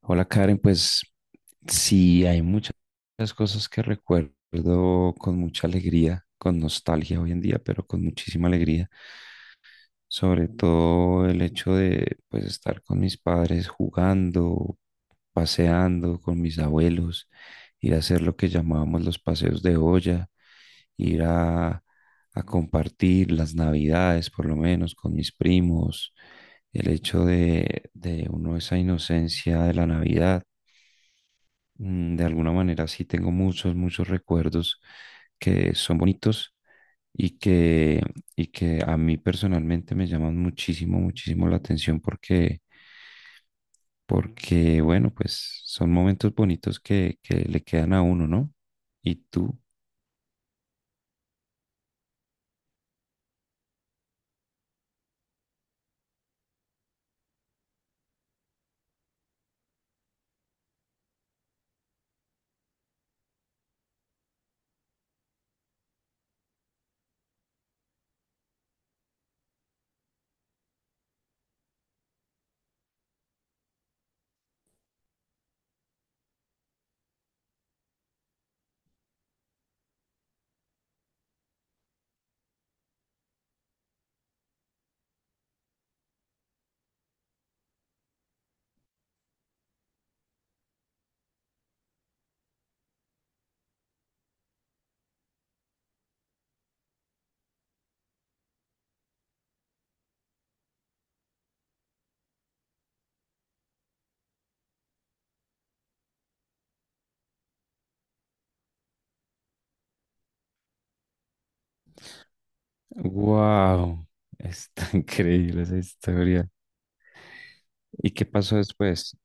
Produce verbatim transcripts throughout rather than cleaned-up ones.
Hola Karen, pues sí, hay muchas cosas que recuerdo con mucha alegría, con nostalgia hoy en día, pero con muchísima alegría. Sobre todo el hecho de pues estar con mis padres jugando, paseando con mis abuelos, ir a hacer lo que llamábamos los paseos de olla, ir a, a compartir las navidades por lo menos con mis primos, el hecho de, de uno esa inocencia de la Navidad mm, de alguna manera sí tengo muchos, muchos recuerdos que son bonitos y que, y que a mí personalmente me llaman muchísimo, muchísimo la atención porque, porque bueno, pues son momentos bonitos que, que le quedan a uno, ¿no? ¿Y tú? ¡Wow! Está increíble esa historia. ¿Y qué pasó después?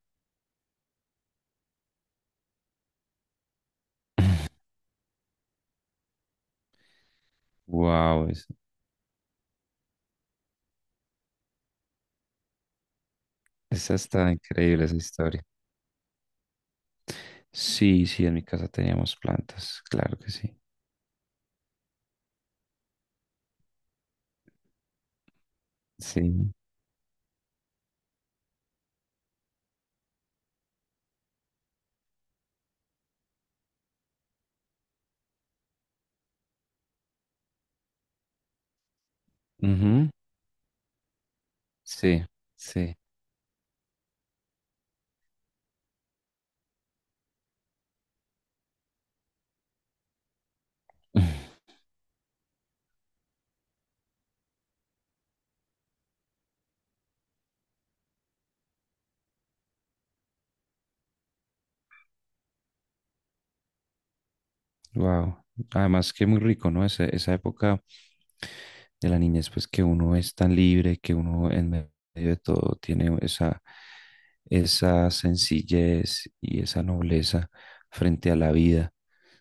¡Wow! Es, esa está increíble esa historia. Sí, sí, en mi casa teníamos plantas, claro que sí. Sí. Ujú. Sí, sí. Wow. Además que muy rico, ¿no? Ese- esa época de la niñez, pues que uno es tan libre, que uno en medio de todo tiene esa, esa sencillez y esa nobleza frente a la vida.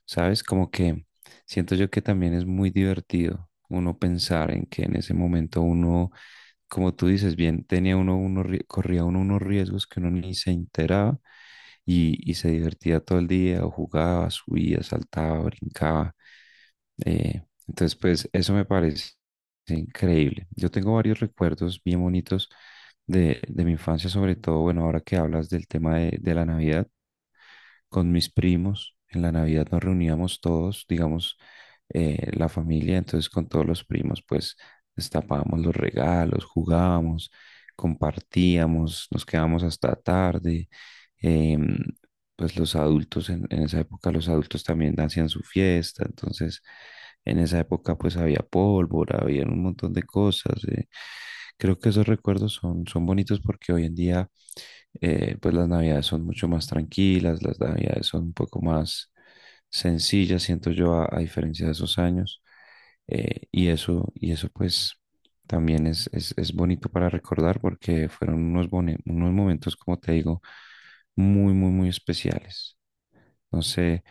¿Sabes? Como que siento yo que también es muy divertido uno pensar en que en ese momento uno, como tú dices, bien, tenía uno, uno, corría uno unos riesgos que uno ni se enteraba y, y se divertía todo el día, o jugaba, subía, saltaba, brincaba. Eh, entonces, pues eso me parece increíble. Yo tengo varios recuerdos bien bonitos de, de mi infancia, sobre todo, bueno, ahora que hablas del tema de, de la Navidad, con mis primos. En la Navidad nos reuníamos todos, digamos, eh, la familia, entonces con todos los primos, pues destapábamos los regalos, jugábamos, compartíamos, nos quedábamos hasta tarde. em, pues los adultos, en, en esa época los adultos también hacían su fiesta, entonces en esa época pues había pólvora, había un montón de cosas. eh. Creo que esos recuerdos son, son bonitos porque hoy en día eh, pues las navidades son mucho más tranquilas, las navidades son un poco más sencillas, siento yo, a, a diferencia de esos años. eh, y eso, y eso pues también es, es, es bonito para recordar porque fueron unos, bone- unos momentos, como te digo, muy, muy, muy especiales. No sé,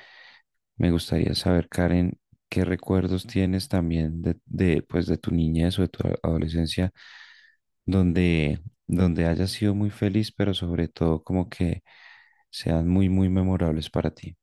me gustaría saber, Karen, qué recuerdos tienes también de, de, pues, de tu niñez o de tu a- adolescencia donde, donde hayas sido muy feliz, pero sobre todo como que sean muy, muy memorables para ti.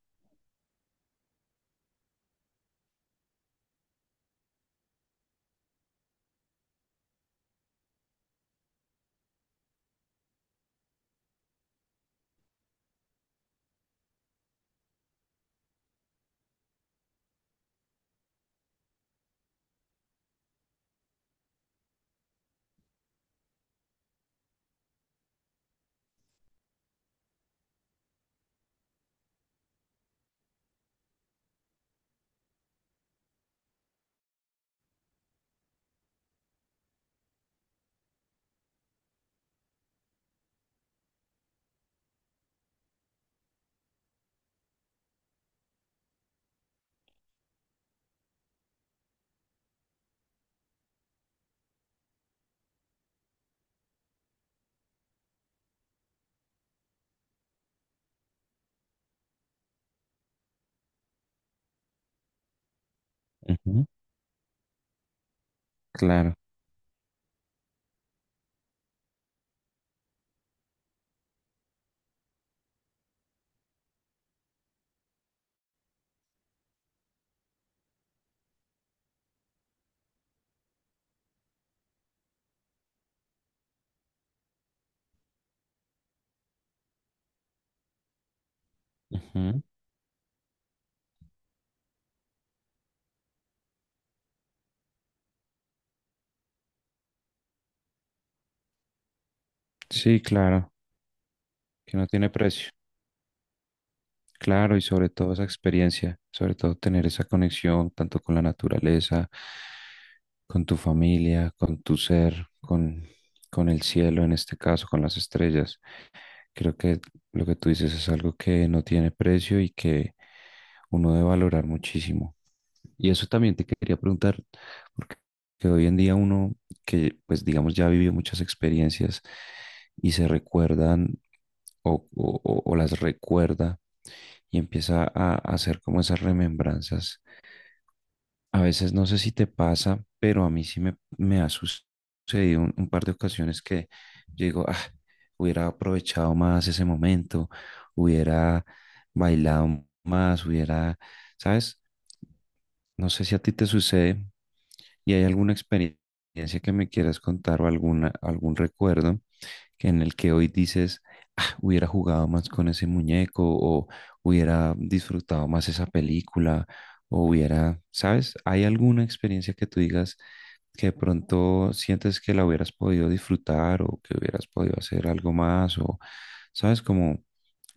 Ujú. Claro. Ujú. Sí, claro, que no tiene precio. Claro, y sobre todo esa experiencia, sobre todo tener esa conexión tanto con la naturaleza, con tu familia, con tu ser, con, con el cielo en este caso, con las estrellas. Creo que lo que tú dices es algo que no tiene precio y que uno debe valorar muchísimo. Y eso también te quería preguntar, porque que hoy en día uno que, pues digamos, ya vivió muchas experiencias y se recuerdan o, o- o- o las recuerda y empieza a a hacer como esas remembranzas, a veces no sé si te pasa, pero a mí sí me, me ha sus- sucedido un, un par de ocasiones que yo digo, ah, hubiera aprovechado más ese momento, hubiera bailado más, hubiera, ¿sabes? No sé si a ti te sucede y hay alguna experiencia que me quieras contar, o alguna, algún recuerdo que en el que hoy dices: "Ah, hubiera jugado más con ese muñeco, o hubiera disfrutado más esa película, o hubiera, ¿sabes?". ¿Hay alguna experiencia que tú digas que de pronto sientes que la hubieras podido disfrutar, o que hubieras podido hacer algo más, o, ¿sabes? Como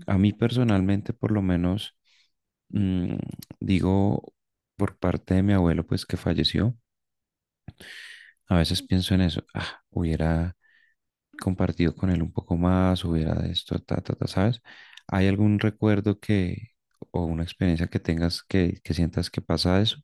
a mí personalmente por lo menos mm, digo, por parte de mi abuelo pues que falleció, a veces pienso en eso, ah, hubiera compartido con él un poco más, hubiera de esto, ta, ta, ta, ¿sabes? ¿Hay algún recuerdo, que, o una experiencia que tengas, que, que sientas que pasa eso?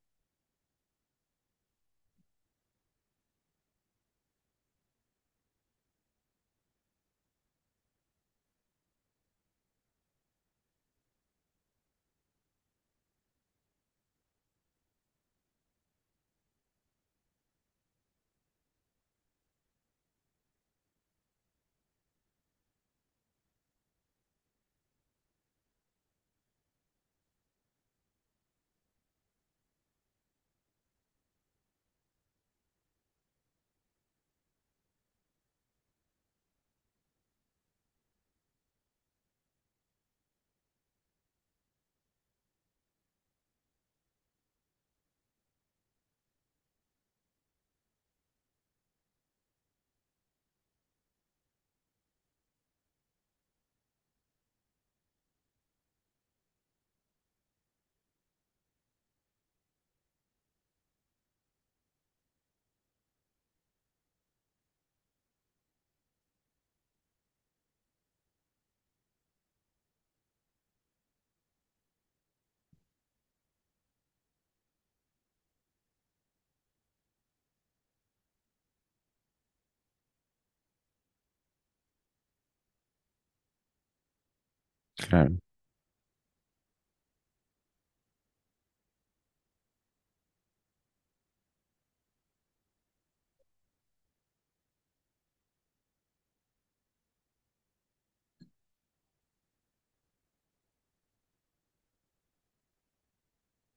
Claro,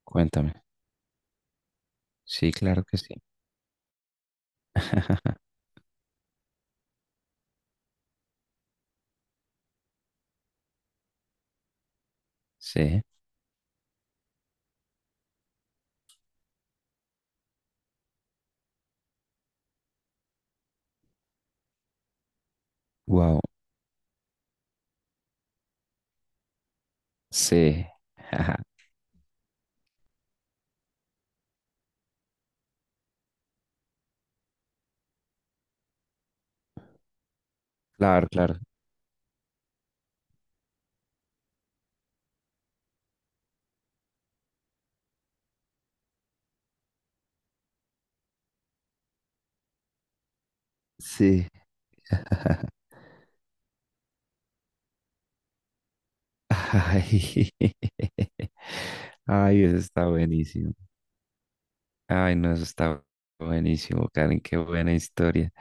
cuéntame. Sí, claro que sí. Sí. Wow. Sí. Ajá. Claro, claro. Sí. Ay. Ay, eso está buenísimo. Ay, no, eso está buenísimo, Karen, qué buena historia.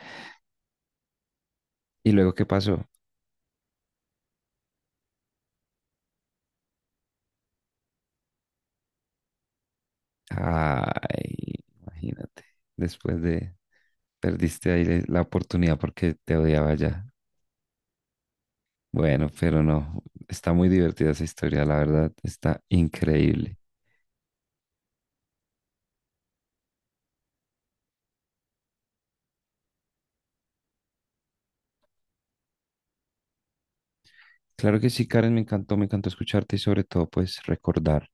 ¿Y luego qué pasó? Ay, imagínate, después de, perdiste ahí la oportunidad porque te odiaba ya. Bueno, pero no, está muy divertida esa historia, la verdad, está increíble. Claro que sí, Karen, me encantó, me encantó escucharte y sobre todo pues recordar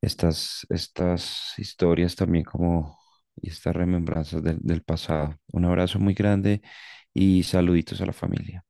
estas, estas historias también, como y estas remembranzas del del pasado. Un abrazo muy grande y saluditos a la familia.